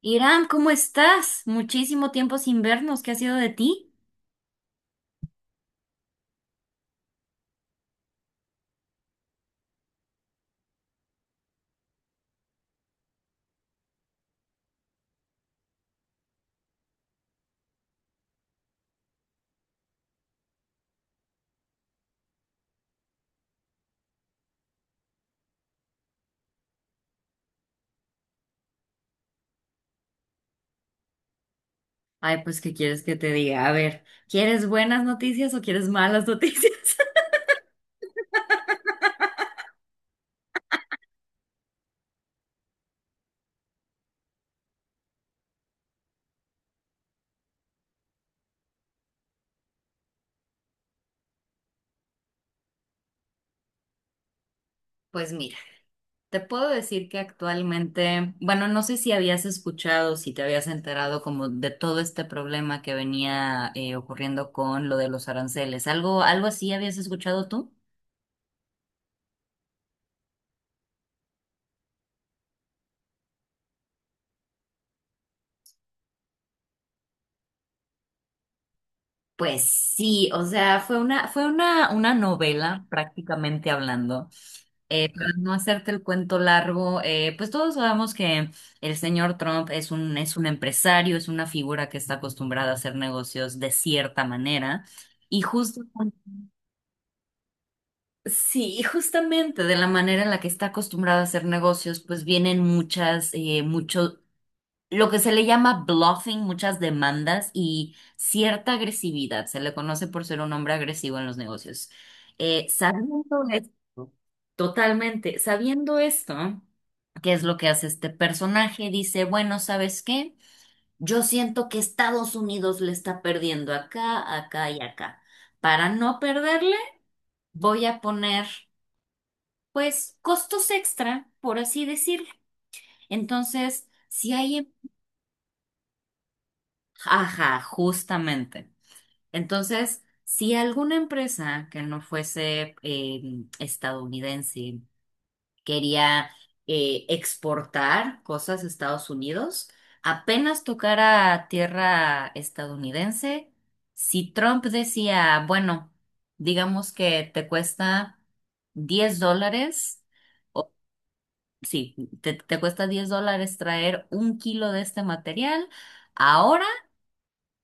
Irán, ¿cómo estás? Muchísimo tiempo sin vernos. ¿Qué ha sido de ti? Ay, pues, ¿qué quieres que te diga? A ver, ¿quieres buenas noticias o quieres malas noticias? Pues mira, te puedo decir que actualmente, bueno, no sé si habías escuchado, si te habías enterado como de todo este problema que venía ocurriendo con lo de los aranceles. ¿Algo así habías escuchado tú? Pues sí, o sea, fue una novela prácticamente hablando. Para no hacerte el cuento largo, pues todos sabemos que el señor Trump es un empresario, es una figura que está acostumbrada a hacer negocios de cierta manera. Y justo, sí, y justamente de la manera en la que está acostumbrada a hacer negocios, pues vienen muchos lo que se le llama bluffing, muchas demandas y cierta agresividad. Se le conoce por ser un hombre agresivo en los negocios. Sabiendo esto, totalmente, sabiendo esto, ¿qué es lo que hace este personaje? Dice, bueno, ¿sabes qué? Yo siento que Estados Unidos le está perdiendo acá, acá y acá. Para no perderle, voy a poner, pues, costos extra, por así decirlo. Entonces, si hay... Ajá, justamente. Entonces, si alguna empresa que no fuese estadounidense quería exportar cosas a Estados Unidos, apenas tocara tierra estadounidense, si Trump decía, bueno, digamos que te cuesta $10, sí, te cuesta $10 traer un kilo de este material, ahora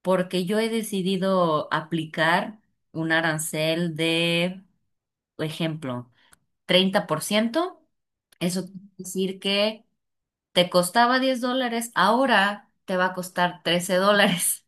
porque yo he decidido aplicar un arancel de, por ejemplo, 30%. Eso quiere decir que te costaba $10, ahora te va a costar $13.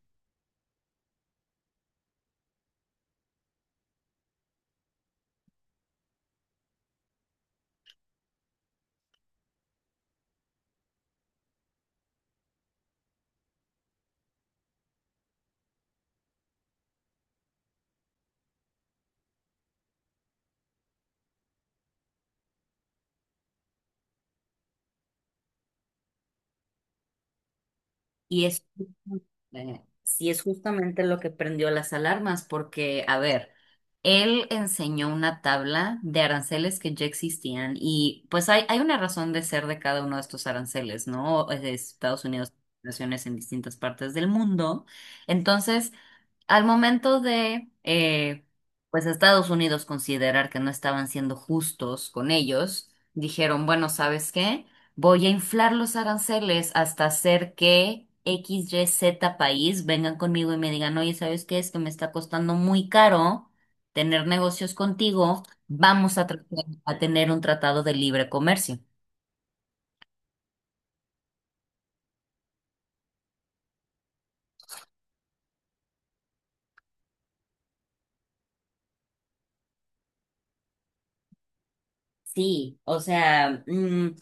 Y es, sí es justamente lo que prendió las alarmas, porque, a ver, él enseñó una tabla de aranceles que ya existían y pues hay una razón de ser de cada uno de estos aranceles, ¿no? Es de Estados Unidos, naciones en distintas partes del mundo. Entonces, al momento de, pues, Estados Unidos considerar que no estaban siendo justos con ellos, dijeron, bueno, ¿sabes qué? Voy a inflar los aranceles hasta hacer que X Y Z país vengan conmigo y me digan, oye, ¿sabes qué? Es que me está costando muy caro tener negocios contigo. Vamos a tener un tratado de libre comercio. Sí, o sea, mm,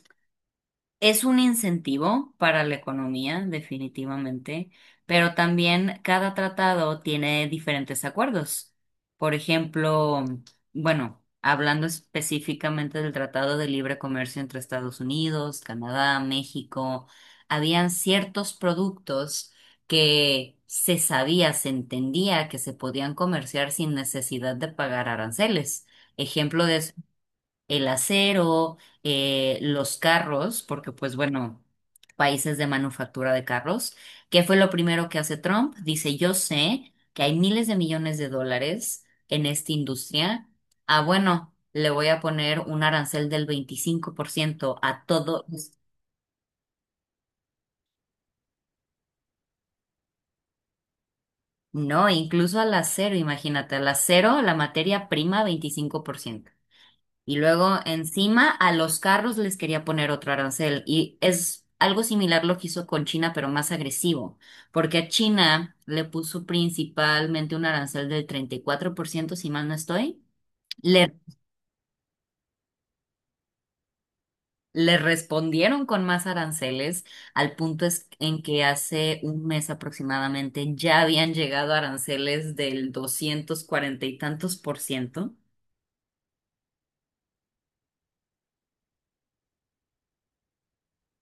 Es un incentivo para la economía, definitivamente, pero también cada tratado tiene diferentes acuerdos. Por ejemplo, bueno, hablando específicamente del Tratado de Libre Comercio entre Estados Unidos, Canadá, México, habían ciertos productos que se sabía, se entendía que se podían comerciar sin necesidad de pagar aranceles. Ejemplo de eso el acero, los carros, porque pues bueno, países de manufactura de carros. ¿Qué fue lo primero que hace Trump? Dice, yo sé que hay miles de millones de dólares en esta industria. Ah, bueno, le voy a poner un arancel del 25% a todo. No, incluso al acero, imagínate, al acero, la materia prima, 25%. Y luego encima a los carros les quería poner otro arancel. Y es algo similar lo que hizo con China, pero más agresivo, porque a China le puso principalmente un arancel del 34% si mal no estoy. Le, le respondieron con más aranceles, al punto es en que hace un mes aproximadamente ya habían llegado aranceles del 240 y tantos por ciento.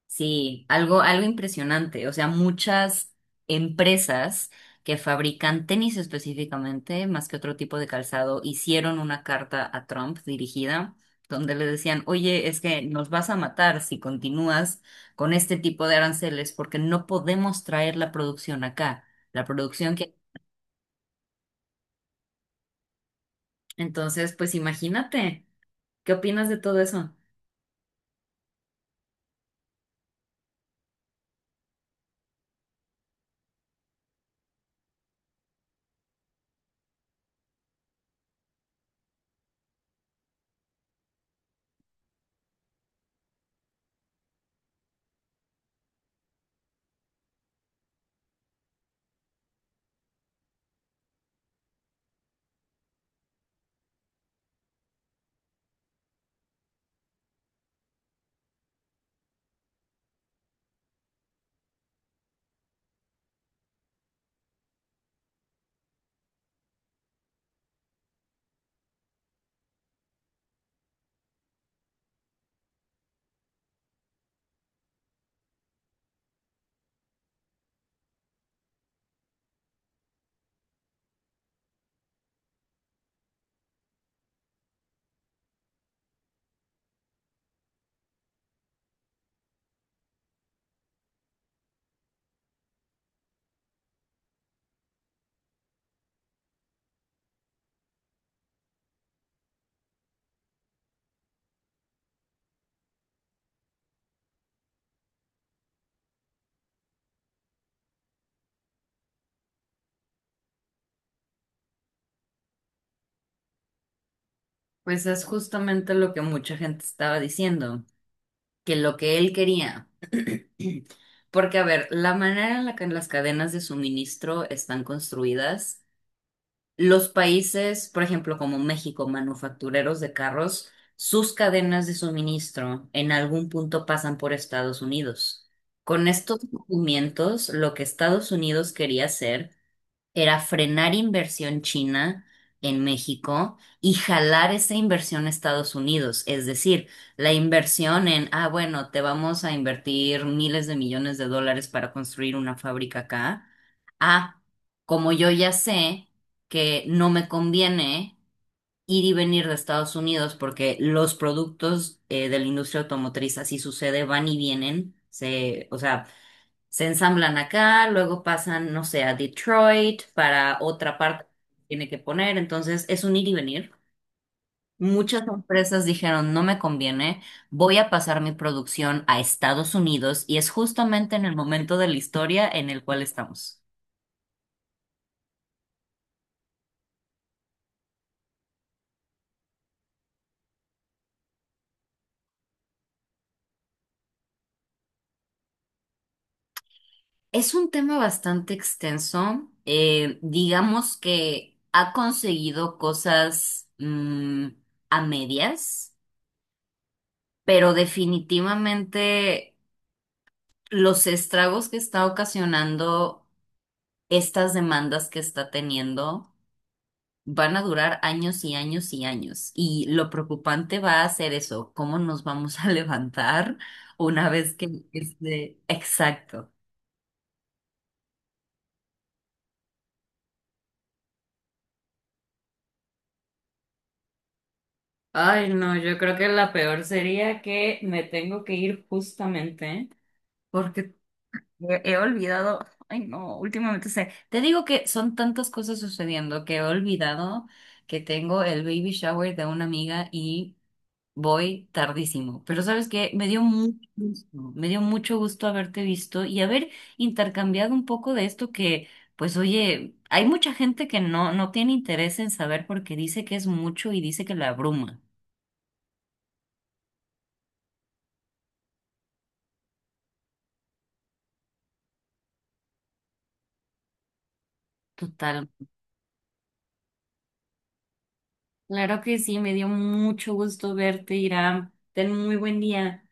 Sí, algo impresionante. O sea, muchas empresas que fabrican tenis específicamente, más que otro tipo de calzado, hicieron una carta a Trump dirigida donde le decían, oye, es que nos vas a matar si continúas con este tipo de aranceles porque no podemos traer la producción acá, la producción que... Entonces, pues imagínate, ¿qué opinas de todo eso? Pues es justamente lo que mucha gente estaba diciendo, que lo que él quería. Porque, a ver, la manera en la que las cadenas de suministro están construidas, los países, por ejemplo, como México, manufactureros de carros, sus cadenas de suministro en algún punto pasan por Estados Unidos. Con estos movimientos, lo que Estados Unidos quería hacer era frenar inversión china en México y jalar esa inversión a Estados Unidos. Es decir, la inversión en, ah, bueno, te vamos a invertir miles de millones de dólares para construir una fábrica acá. Ah, como yo ya sé que no me conviene ir y venir de Estados Unidos porque los productos de la industria automotriz, así sucede, van y vienen. O sea, se ensamblan acá, luego pasan, no sé, a Detroit para otra parte que tiene que poner, entonces es un ir y venir. Muchas empresas dijeron, no me conviene, voy a pasar mi producción a Estados Unidos y es justamente en el momento de la historia en el cual estamos. Es un tema bastante extenso, digamos que ha conseguido cosas a medias, pero definitivamente los estragos que está ocasionando estas demandas que está teniendo van a durar años y años y años. Y lo preocupante va a ser eso, cómo nos vamos a levantar una vez que esté exacto. Ay, no, yo creo que la peor sería que me tengo que ir justamente porque he olvidado, ay no, últimamente sé, te digo que son tantas cosas sucediendo que he olvidado que tengo el baby shower de una amiga y voy tardísimo, pero sabes que me dio mucho gusto, me dio mucho gusto haberte visto y haber intercambiado un poco de esto que, pues oye, hay mucha gente que no, no tiene interés en saber porque dice que es mucho y dice que la abruma. Total. Claro que sí, me dio mucho gusto verte, Irán. Ten muy buen día.